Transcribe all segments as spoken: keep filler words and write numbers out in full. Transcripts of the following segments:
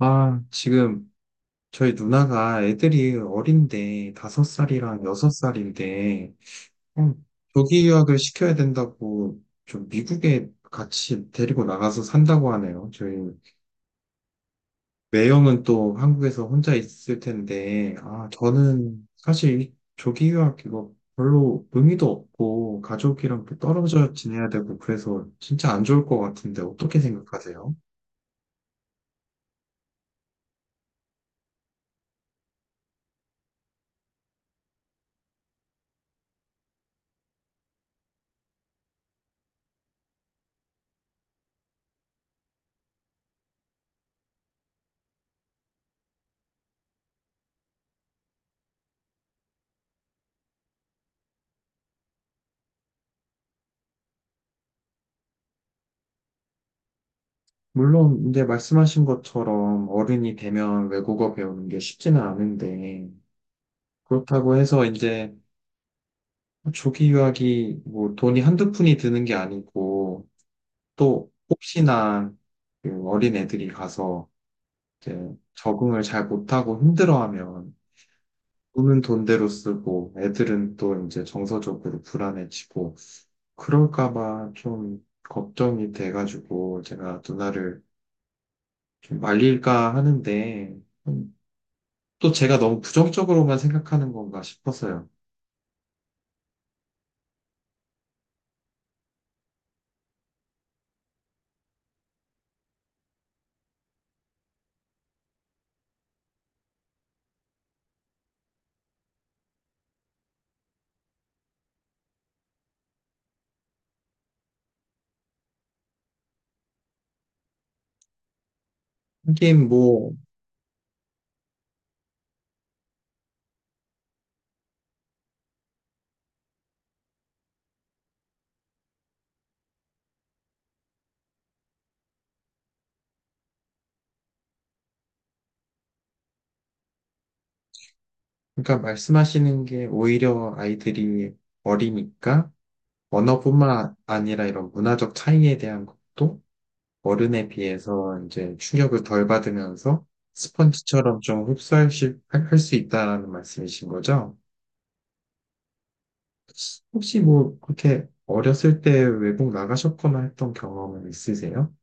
아, 지금 저희 누나가 애들이 어린데, 다섯 살이랑 여섯 살인데, 음, 조기 유학을 시켜야 된다고 좀 미국에 같이 데리고 나가서 산다고 하네요. 저희 매형은 또 한국에서 혼자 있을 텐데, 아, 저는 사실 이 조기 유학 이거 별로 의미도 없고, 가족이랑 또 떨어져 지내야 되고, 그래서 진짜 안 좋을 것 같은데, 어떻게 생각하세요? 물론 이제 말씀하신 것처럼 어른이 되면 외국어 배우는 게 쉽지는 않은데, 그렇다고 해서 이제 조기 유학이 뭐 돈이 한두 푼이 드는 게 아니고, 또 혹시나 그 어린 애들이 가서 이제 적응을 잘 못하고 힘들어하면 돈은 돈대로 쓰고 애들은 또 이제 정서적으로 불안해지고 그럴까 봐 좀 걱정이 돼가지고 제가 누나를 좀 말릴까 하는데, 음, 또 제가 너무 부정적으로만 생각하는 건가 싶었어요. 하긴 뭐, 그러니까 말씀하시는 게 오히려 아이들이 어리니까 언어뿐만 아니라 이런 문화적 차이에 대한 것도 어른에 비해서 이제 충격을 덜 받으면서 스펀지처럼 좀 흡수할 수, 할수 있다라는 말씀이신 거죠? 혹시 뭐 그렇게 어렸을 때 외국 나가셨거나 했던 경험은 있으세요?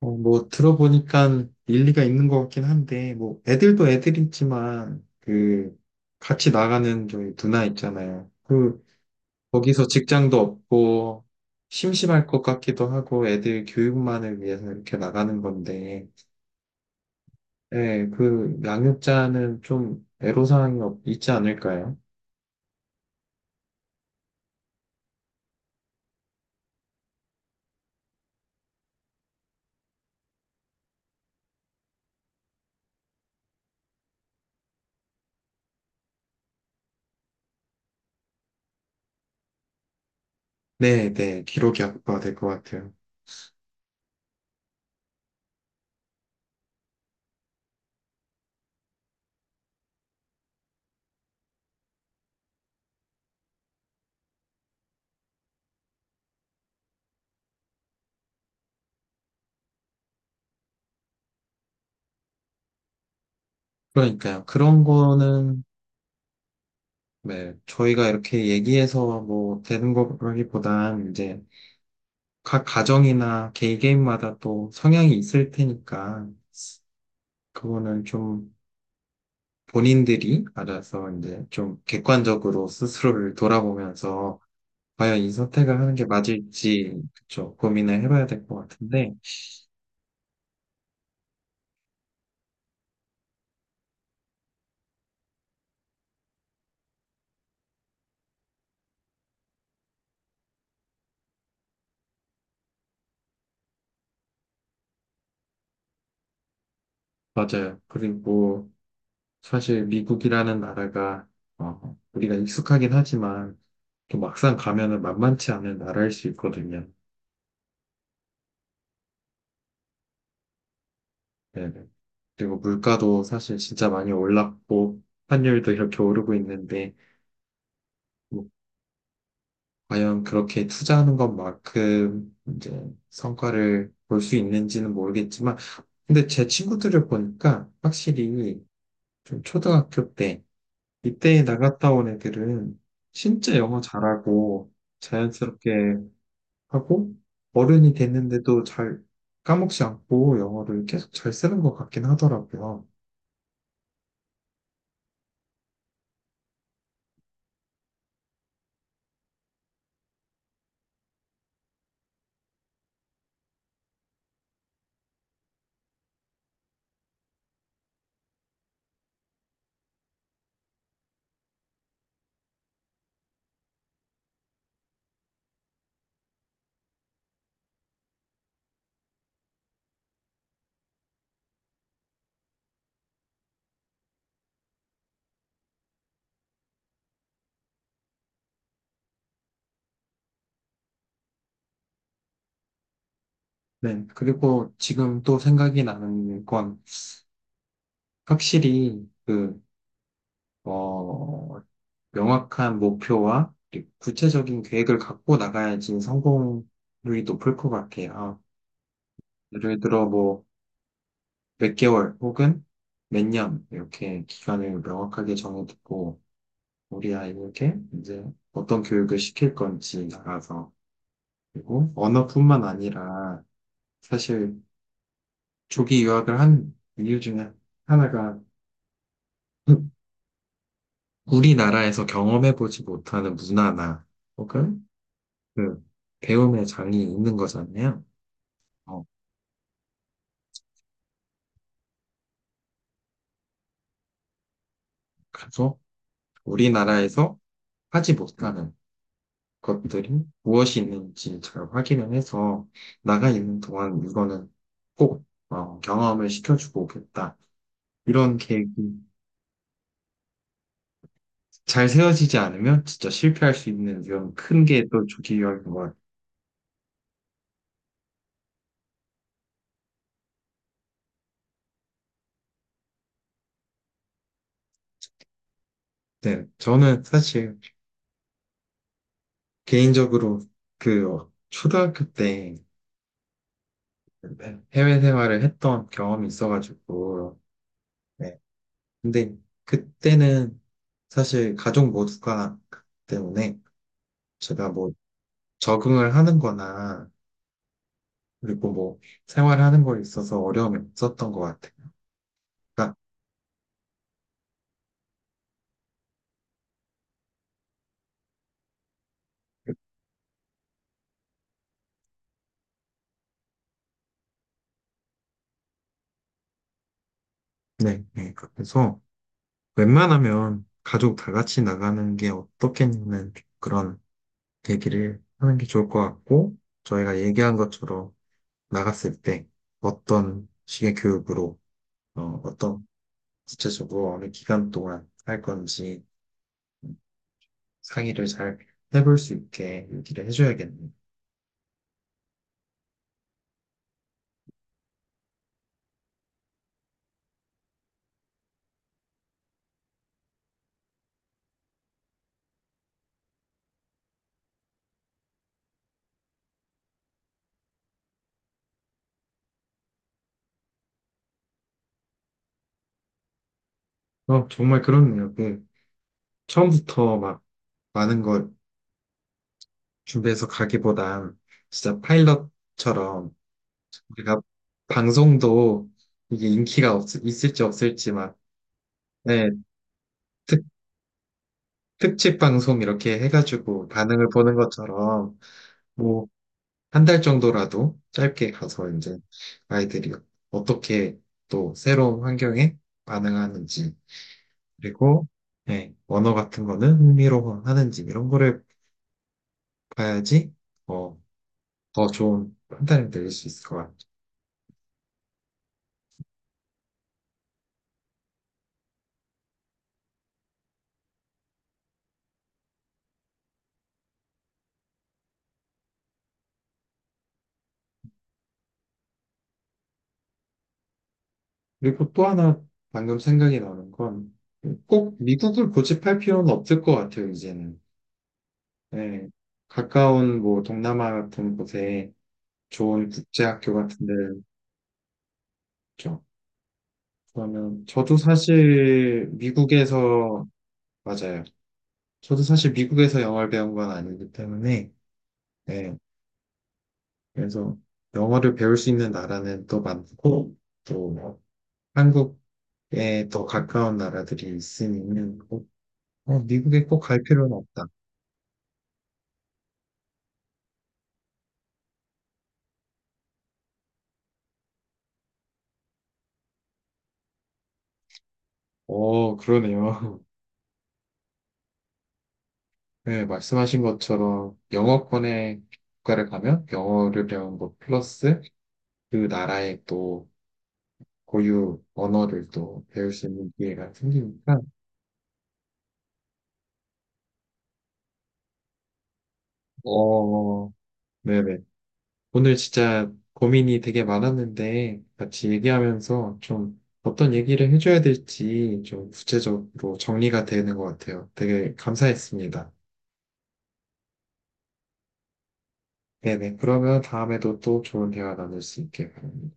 어, 뭐 들어보니까 일리가 있는 것 같긴 한데 뭐 애들도 애들이지만 그 같이 나가는 저희 누나 있잖아요. 그 거기서 직장도 없고 심심할 것 같기도 하고 애들 교육만을 위해서 이렇게 나가는 건데, 네, 그 양육자는 좀 애로사항이 없- 있지 않을까요? 네, 네, 기록이 악화가 될 것 같아요. 그러니까요. 그런 거는, 네, 저희가 이렇게 얘기해서 뭐 되는 거라기보단 이제 각 가정이나 개인 개인마다 또 성향이 있을 테니까 그거는 좀 본인들이 알아서 이제 좀 객관적으로 스스로를 돌아보면서 과연 이 선택을 하는 게 맞을지, 그쵸, 고민을 해봐야 될 것 같은데. 맞아요. 그리고 사실 미국이라는 나라가 어, 우리가 익숙하긴 하지만 또 막상 가면은 만만치 않은 나라일 수 있거든요. 네네. 그리고 물가도 사실 진짜 많이 올랐고 환율도 이렇게 오르고 있는데 과연 그렇게 투자하는 것만큼 이제 성과를 볼 수 있는지는 모르겠지만, 근데 제 친구들을 보니까 확실히 좀 초등학교 때, 이때 나갔다 온 애들은 진짜 영어 잘하고 자연스럽게 하고 어른이 됐는데도 잘 까먹지 않고 영어를 계속 잘 쓰는 것 같긴 하더라고요. 네. 그리고 지금 또 생각이 나는 건 확실히 그, 어, 명확한 목표와 구체적인 계획을 갖고 나가야지 성공률이 높을 것 같아요. 아, 예를 들어 뭐 몇 개월 혹은 몇 년 이렇게 기간을 명확하게 정해두고 우리 아이에게 이제 어떤 교육을 시킬 건지 나가서, 그리고 언어뿐만 아니라 사실 조기 유학을 한 이유 중에 하나가 우리나라에서 경험해보지 못하는 문화나 혹은 그 배움의 장이 있는 거잖아요. 어, 가서 우리나라에서 하지 못하는 것들이 무엇이 있는지 잘 확인을 해서 나가 있는 동안 이거는 꼭, 어, 경험을 시켜주고 오겠다. 이런 계획이 잘 세워지지 않으면 진짜 실패할 수 있는 이런 큰 게 또 조기유학인 것 같아요. 네, 저는 사실 개인적으로 그 초등학교 때 해외 생활을 했던 경험이 있어가지고, 네. 근데 그때는 사실 가족 모두가 때문에 제가 뭐 적응을 하는 거나 그리고 뭐 생활하는 거에 있어서 어려움이 없었던 것 같아요. 그러니까, 네, 네. 그래서 웬만하면 가족 다 같이 나가는 게 어떻겠냐는 그런 얘기를 하는 게 좋을 것 같고, 저희가 얘기한 것처럼 나갔을 때 어떤 식의 교육으로, 어, 어떤 구체적으로 어느 기간 동안 할 건지 상의를 잘 해볼 수 있게 얘기를 해줘야겠네요. 어, 정말 그렇네요. 그 처음부터 막 많은 걸 준비해서 가기보단 진짜 파일럿처럼, 우리가 방송도 이게 인기가 없, 있을지 없을지 막, 네, 특, 특집 방송 이렇게 해가지고 반응을 보는 것처럼 뭐 한 달 정도라도 짧게 가서 이제 아이들이 어떻게 또 새로운 환경에 반응하는지, 그리고, 네, 언어 같은 거는 흥미로워 하는지 이런 거를 봐야지 어, 더 좋은 판단을 내릴 수 있을 것 같아요. 그리고 또 하나 방금 생각이 나는 건 꼭 미국을 고집할 필요는 없을 것 같아요, 이제는. 예. 가까운 뭐 동남아 같은 곳에 좋은 국제학교 같은 데를 있죠. 그러면 저도 사실 미국에서, 맞아요, 저도 사실 미국에서 영어를 배운 건 아니기 때문에. 예. 그래서 영어를 배울 수 있는 나라는 또 많고 또 한국에 더 가까운 나라들이 있으니 꼭, 어, 미국에 꼭 갈 필요는 없다. 어, 그러네요. 네, 말씀하신 것처럼 영어권의 국가를 가면 영어를 배운 것 플러스 그 나라의 또 고유 언어를 또 배울 수 있는 기회가 생기니까, 어, 네네. 오늘 진짜 고민이 되게 많았는데 같이 얘기하면서 좀 어떤 얘기를 해줘야 될지 좀 구체적으로 정리가 되는 것 같아요. 되게 감사했습니다. 네네. 그러면 다음에도 또 좋은 대화 나눌 수 있게 바랍니다.